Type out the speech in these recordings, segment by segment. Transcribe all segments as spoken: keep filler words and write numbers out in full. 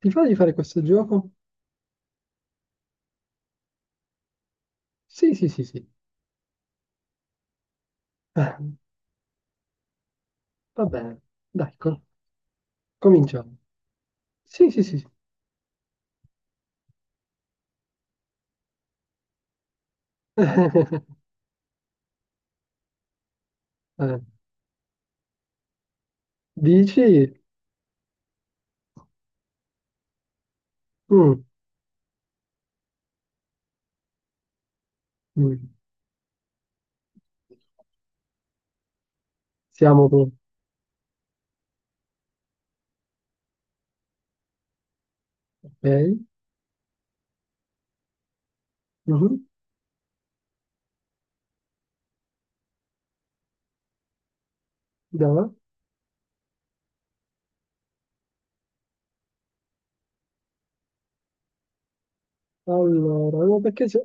Ti fa di fare questo gioco? Sì, sì, sì, sì. Eh, va bene, dai, co- cominciamo. Sì, sì, sì, sì. Eh, dici? Mm, mm. Siamo con... Ok, mhm, dai. Allora, no, perché c'è...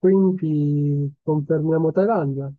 Quindi confermiamo Thailandia?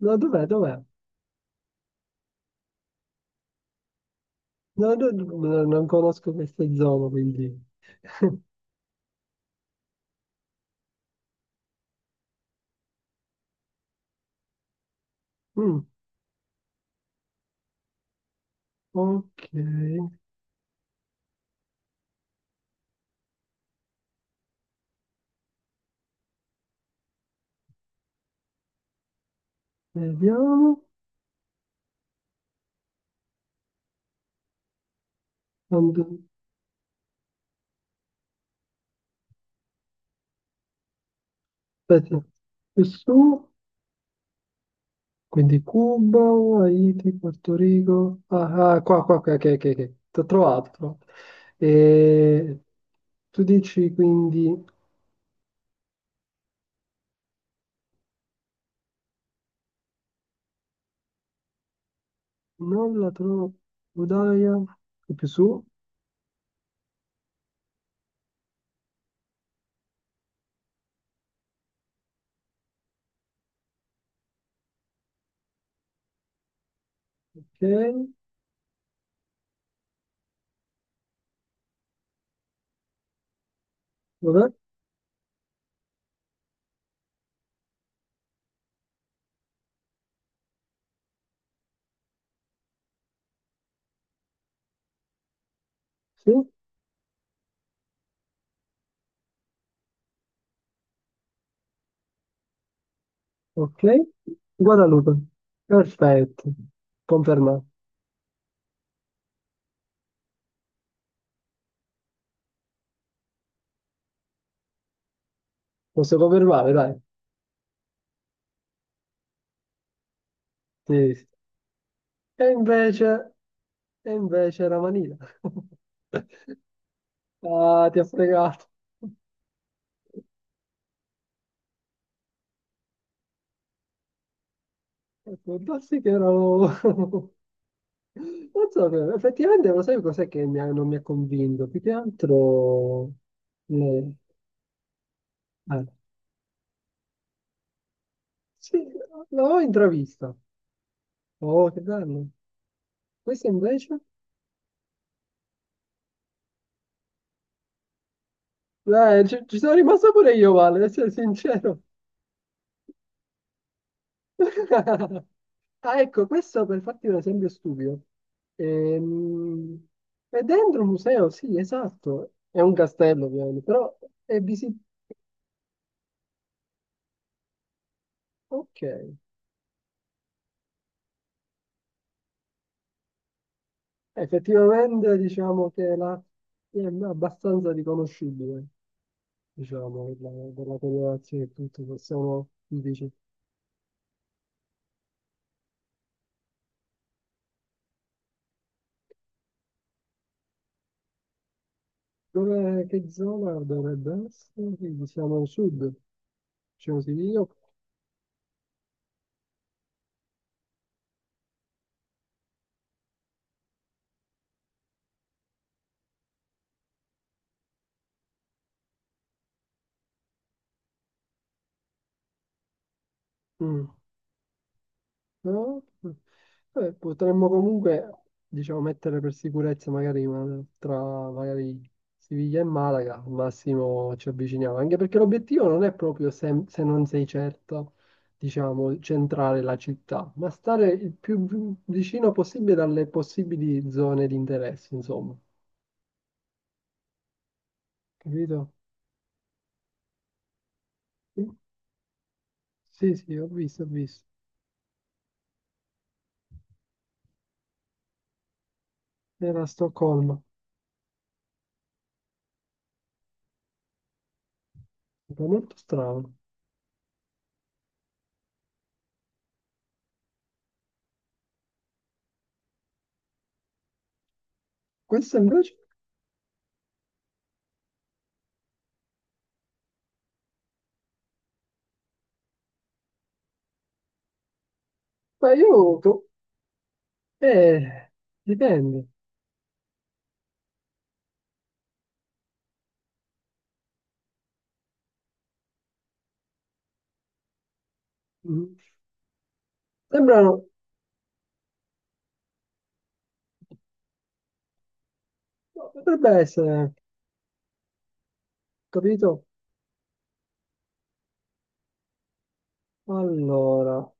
No, dov'è, dov'è? No, do- no, no, non conosco queste zone, quindi... Mm, ok, vediamo. And- Aspetta, più su. Quindi Cuba, Haiti, Porto Rico. Ah, ah, qua, qua, qua, ok, ok, ok. T'ho trovato, t'ho trovato. E tu dici quindi non la trovo, Udaya, è più su, ok, vabbè, sì, ok. Guadalupe, perfetto, confermato. Posso confermare, dai. Sì, sì. E invece, e invece era Manila. Ah, ti ha fregato. Può darsi che erano... Non so, però, effettivamente lo sai cos'è che mi ha- non mi ha convinto? Più che altro... le- ah, sì, l'ho intravista. Oh, che bello. Questo invece? Eh, ci, ci sono rimasto pure io male, ad essere sincero. Ah, ecco, questo per farti un esempio stupido. Ehm, è dentro un museo, sì, esatto. È un castello, ovviamente, però è visibile. Ok. Effettivamente diciamo che la, è abbastanza riconoscibile, diciamo, la, dalla colorazione e tutto, se sono dici. Dove, che zona dovrebbe essere? Qui siamo al sud, diciamo sì, io. Mm. No? Eh, potremmo comunque, diciamo, mettere per sicurezza magari ma- tra magari Siviglia e Malaga, al massimo ci avviciniamo, anche perché l'obiettivo non è proprio se, se non sei certo, diciamo, centrare la città, ma stare il più vi- vicino possibile alle possibili zone di interesse, insomma, capito? Sì, sì, sì, ho visto, ho visto. Era a Stoccolma, è molto strano. Questo invece, ma io, eh, dipende. Mm. Sembrano, potrebbe essere, capito? Allora,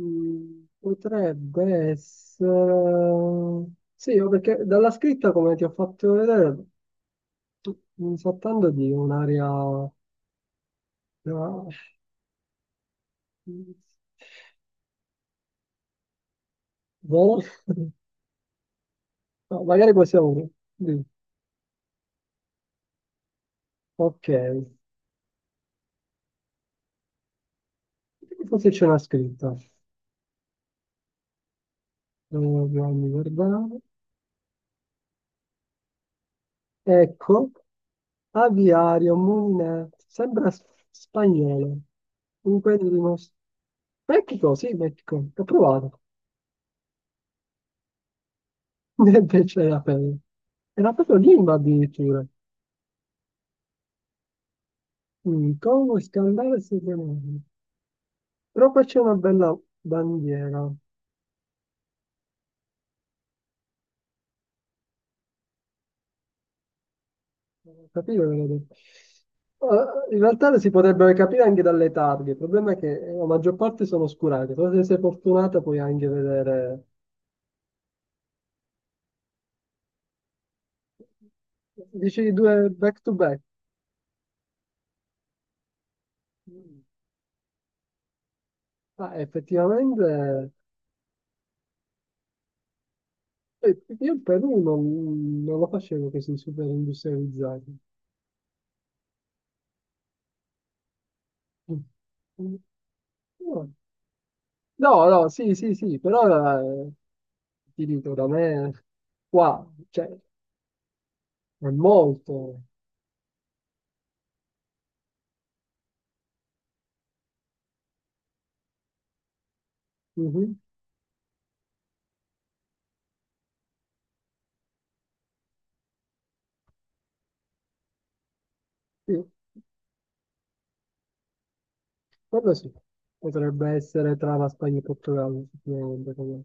mm, potrebbe essere... Sì, o perché dalla scritta, come ti ho fatto vedere, tu- mi sto trattando di un'area... no, boh. No, magari possiamo... di- Ok, forse c'è una scritta. Dobbiamo guardare. Ecco, aviario, Molinare, sembra s- spagnolo. Comunque di uno Mexico, sì, Mexico, ho provato. E invece era per... Era proprio Lima addirittura. Mm, Congo, Scandale, Sud-America. Però qua c'è una bella bandiera. Capire, vedete. Eh, in realtà le si potrebbero capire anche dalle targhe. Il problema è che eh, la maggior parte sono oscurate. Però se sei fortunata puoi anche vedere... Dici due back to back. Mm. Ah, effettivamente... eh, Io il Perù non, non lo facevo che si super industrializzato. No, no, sì, sì, sì, però eh, ti dico, da me qua, cioè, è molto. Mhm, sì, quello sì. Potrebbe essere tra la Spagna e il Portogallo, sicuramente. come-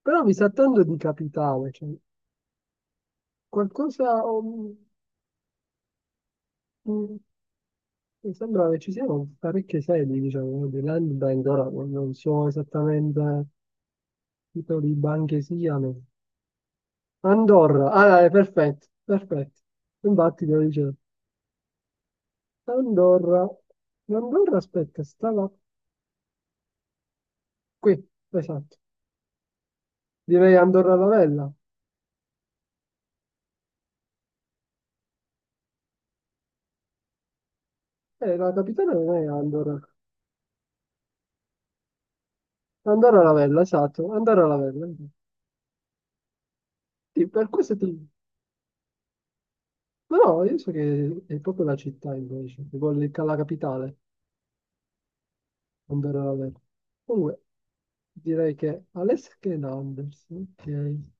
Però mi sa tanto di capitale, cioè, qualcosa... um, mm, mi sembra che ci siano parecchie sedi, diciamo, no, di Land Bank, ora non non so esattamente titoli di banche siano. Andorra, ah, dai, perfetto, perfetto. Infatti, lo dicevo. Andorra. Andorra, aspetta, stava qui, esatto. Direi Andorra la Vella. Eh, la capitale non è Andorra. Andorra la Vella, esatto. Andorra la Vella. Sì, per questo ti... Ma no, io so che è proprio la città invece, che vuole ca- la capitale, Andorra la Vella. Comunque, direi che Alessia Anders, ok.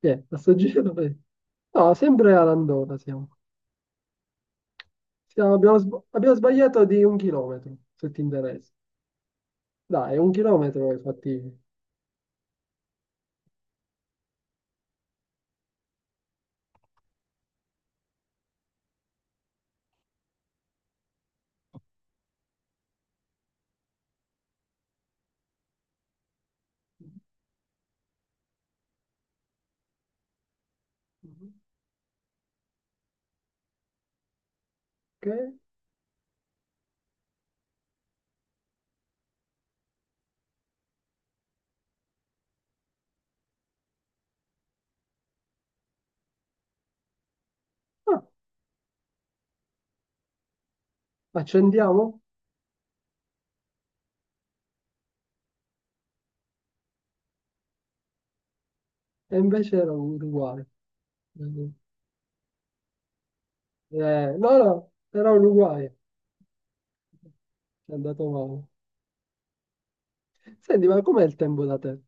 Sì, a sto giro... eh. No, sempre all'Andorra siamo. Siamo- abbiamo, sb- abbiamo sbagliato di un chilometro, se ti interessa. Dai, un chilometro è fattibile. Ok? Ah, accendiamo? E invece era l'Uruguay. Eh, no, no, era l'Uruguay. È andato male. Senti, ma com'è il tempo da te?